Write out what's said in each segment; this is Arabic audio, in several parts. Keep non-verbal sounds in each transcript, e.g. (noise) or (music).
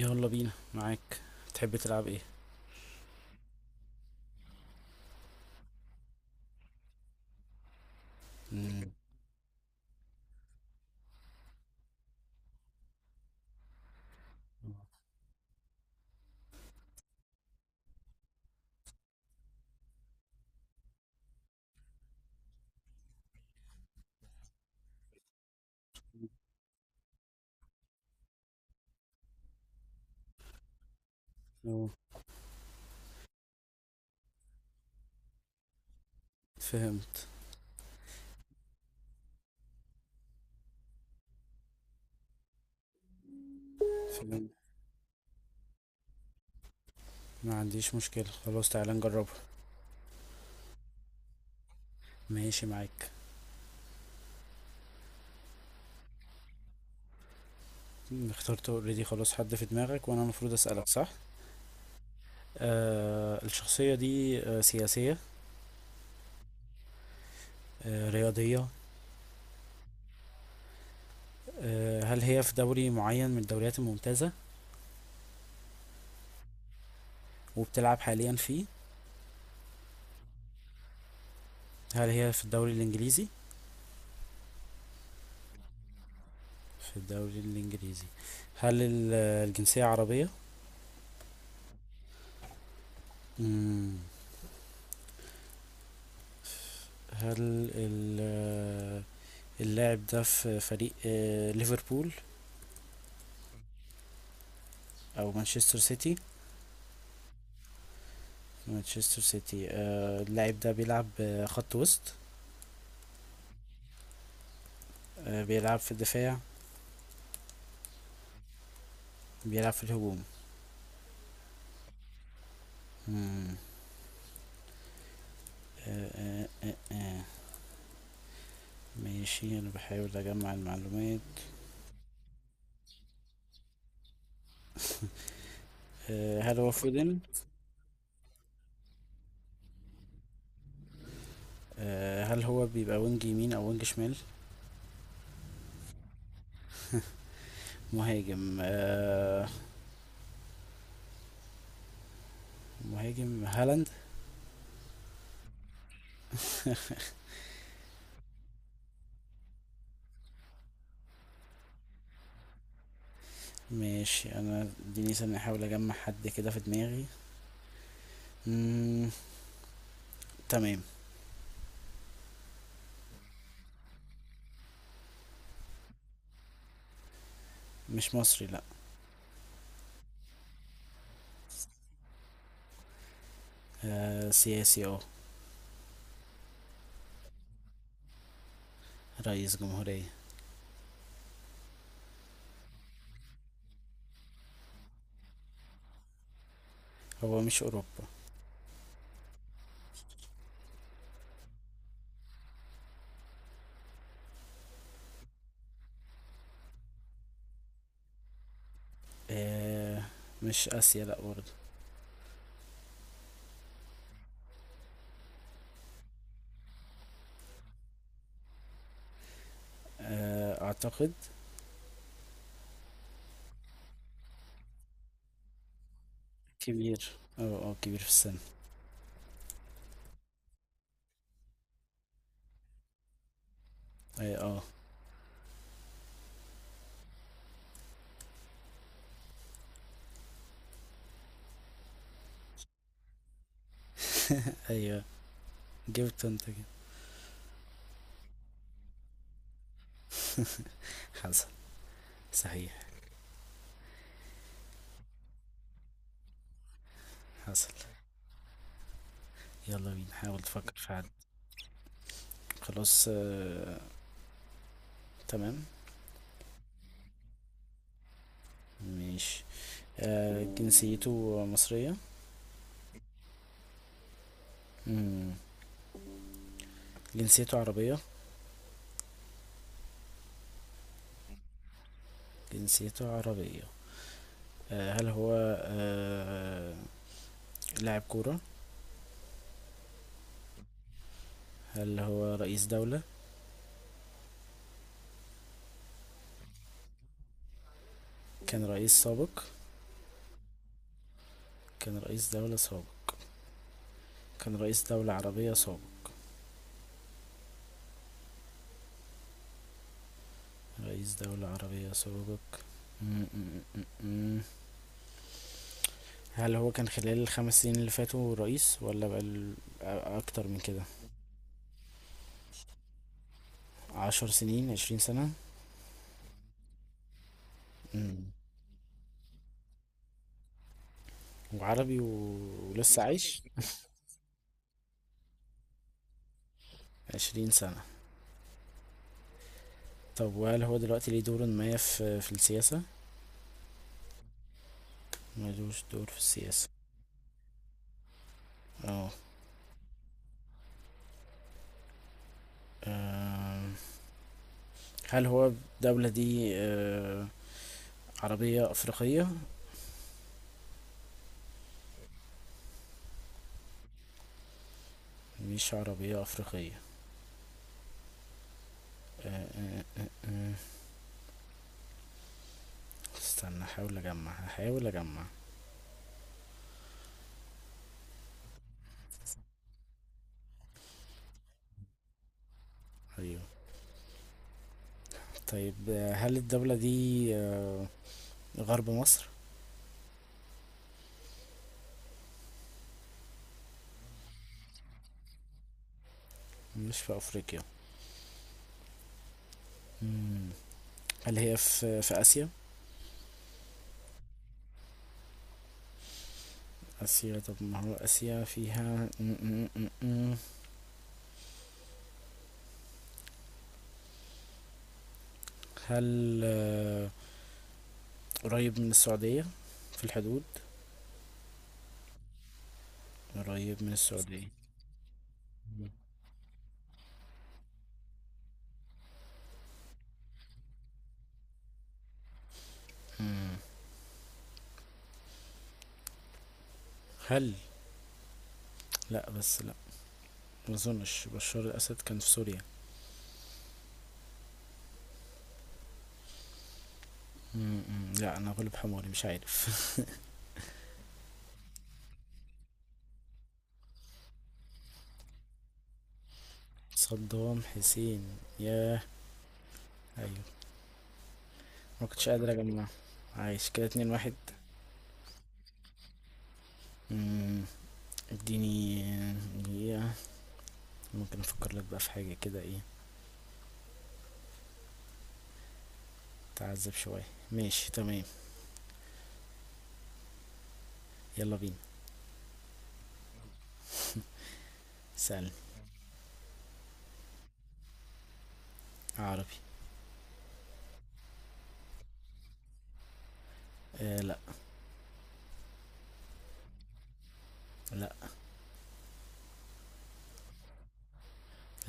يلا بينا معاك. تحب تلعب ايه؟ مم. أوه، فهمت فهمت. ما عنديش مشكلة خلاص. تعالى نجربها. ماشي معاك. اخترت اوريدي خلاص حد في دماغك وانا المفروض اسألك صح؟ الشخصية دي سياسية؟ رياضية؟ هل هي في دوري معين من الدوريات الممتازة وبتلعب حاليا فيه؟ هل هي في الدوري الانجليزي؟ في الدوري الانجليزي. هل ال- الجنسية عربية؟ مم. هل ال اللاعب ده في فريق ليفربول او مانشستر سيتي؟ مانشستر سيتي. اللاعب ده بيلعب خط وسط؟ بيلعب في الدفاع؟ بيلعب في الهجوم؟ مم. آه، آه، آه، آه. ماشي انا بحاول اجمع المعلومات. هل هو فودن؟ هل هو بيبقى وينج يمين او وينج شمال؟ مهاجم. مهاجم هالاند. ماشي انا، اديني ثانية احاول اجمع حد كده في دماغي. مم. تمام. مش مصري لا. سياسي اه. رئيس جمهورية. هو مش أوروبا. آه مش آسيا لأ برضه. آه أعتقد. كبير اه اه، كبير في السن. اه اه. (laughs) أيوه. جبت انت كده. حصل، صحيح. حصل. يلا بينا، حاول تفكر في حد. خلاص آه، تمام. ماشي. جنسيته مصرية؟ مم. جنسيته عربية. جنسيته عربية. هل هو آه لاعب كورة؟ هل هو رئيس دولة؟ كان رئيس سابق. كان رئيس دولة سابق. كان رئيس دولة عربية سابق. رئيس دولة عربية سابق. م- م- م- م. هل هو كان خلال ال5 سنين اللي فاتوا رئيس ولا بقى أكتر من كده؟ 10 سنين، 20 سنة. م. وعربي ولسه عايش؟ 20 سنة. طب وهل هو دلوقتي ليه دور ما في السياسة؟ ملوش دور في السياسة. اه. آم، هل هو الدولة دي عربية أفريقية؟ مش عربية أفريقية. آه، آه، آه، آه. استنى أحاول أجمع هحاول أجمع. أيوه. طيب هل الدولة دي غرب مصر؟ مش في أفريقيا. مم. هل هي في آسيا؟ آسيا. طب ما هو آسيا فيها م- م- م- م. هل قريب من السعودية في الحدود؟ قريب من السعودية. هل، لا بس لا، ما اظنش بشار الاسد كان في سوريا. م- م. لا انا غلب حماري مش عارف. صدام حسين، ياه! ايوه. ما كنتش قادر اجمع. عايش كده 2-1. مم، اديني دقيقة ممكن افكر لك بقى في حاجة كده ايه. تعذب شوية. ماشي تمام. يلا بينا. سأل. عربي. آه لا لا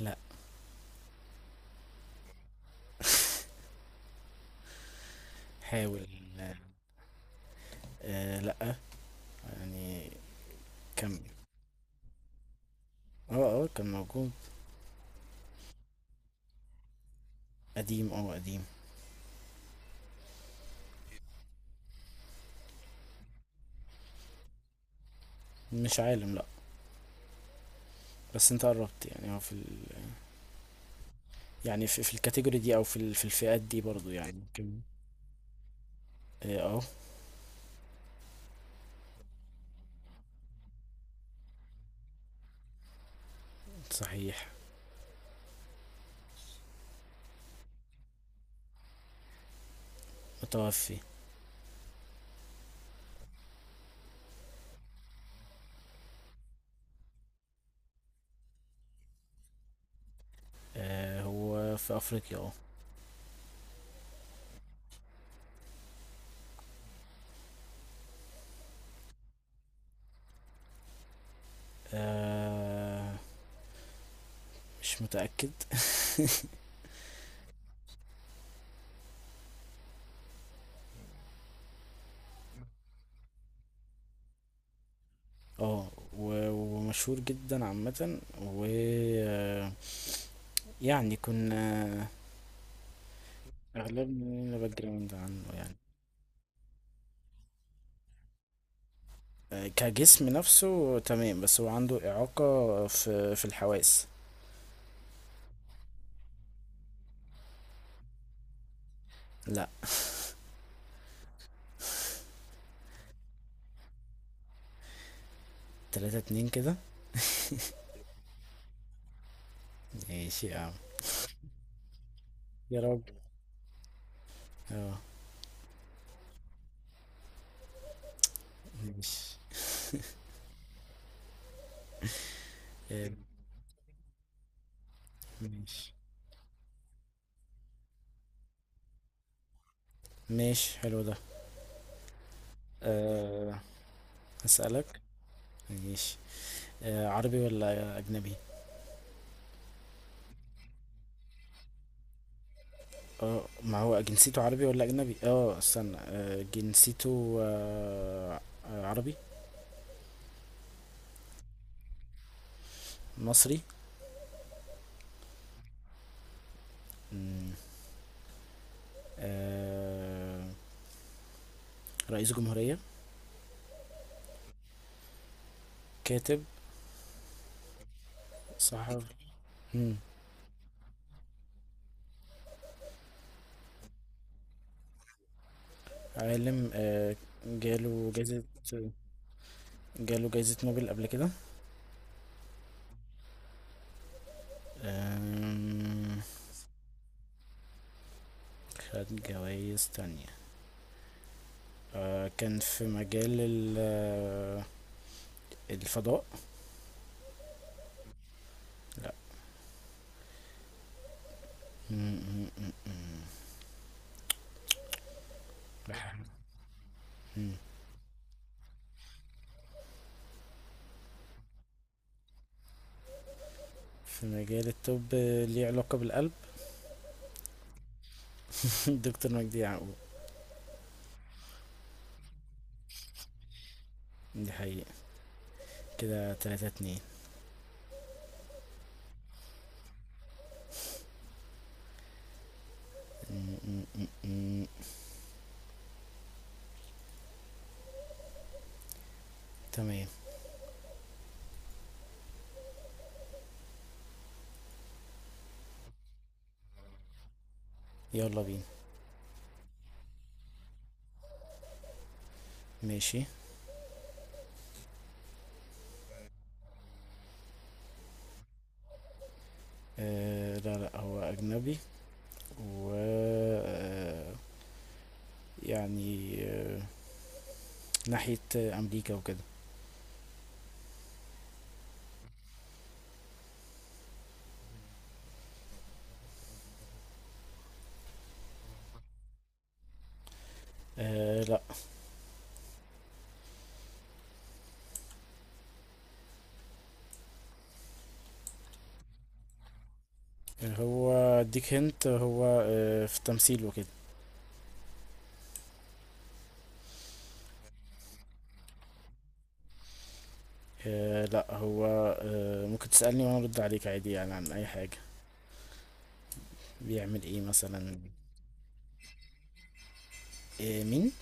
لا. حاول. آه لا يعني. كمل. اه اه كان موجود. قديم اه قديم. مش عالم لا. بس انت قربت، يعني هو في ال... يعني في الكاتيجوري دي او في ال... في الفئات دي برضو يعني. كمل. اه. صحيح. متوفي. آه هو في افريقيا اه. آه، مش متأكد. اه ومشهور جدا عامة و آه، يعني كنا اغلبنا باك جراوند عنه يعني. كجسم نفسه تمام، بس هو عنده إعاقة في الحواس. لا. 3-2 كده. ماشي يا عم. يا رب اه. ماشي آه، ماشي. ماشي حلو ده. أه هسألك. ماشي. عربي ولا أجنبي؟ اه ما هو جنسيته عربي ولا أجنبي، اه استنى، جنسيته عربي. مصري. مم، آه، رئيس جمهورية؟ كاتب؟ صحفي؟ مم، عالم. جاله جايزة. جاله جايزة نوبل قبل كده؟ آم، خد جوايز تانية. كان في مجال الفضاء؟ لا. مم، مم، مم، مم. بح- مم. في مجال الطب. ليه علاقة بالقلب؟ (laughs) (applause) دكتور مجدي يعقوب. دي حقيقة. كده 3-2. م- م- م- م. تمام. يلا بينا. ماشي. آه لا لا، هو أجنبي. و آه، يعني آه ناحية أمريكا وكده. آه لا. هو اديك هنت، هو آه في تمثيل وكده. آه لا، هو آه ممكن تسألني وأنا أرد عليك عادي يعني عن أي حاجة. بيعمل ايه مثلا؟ آه مين؟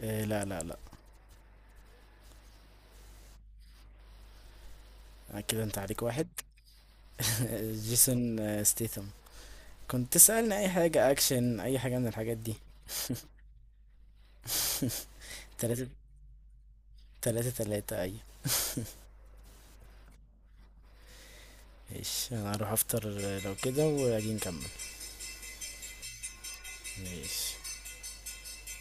آه لا لا لا. كده انت عليك واحد. (laughs) جيسون ستيثم. كنت تسألني اي حاجة اكشن، اي حاجة من الحاجات دي. (laughs) 3-3 3 اي (laughs) ماشي انا هروح افطر لو كده واجي نكمل. ماشي.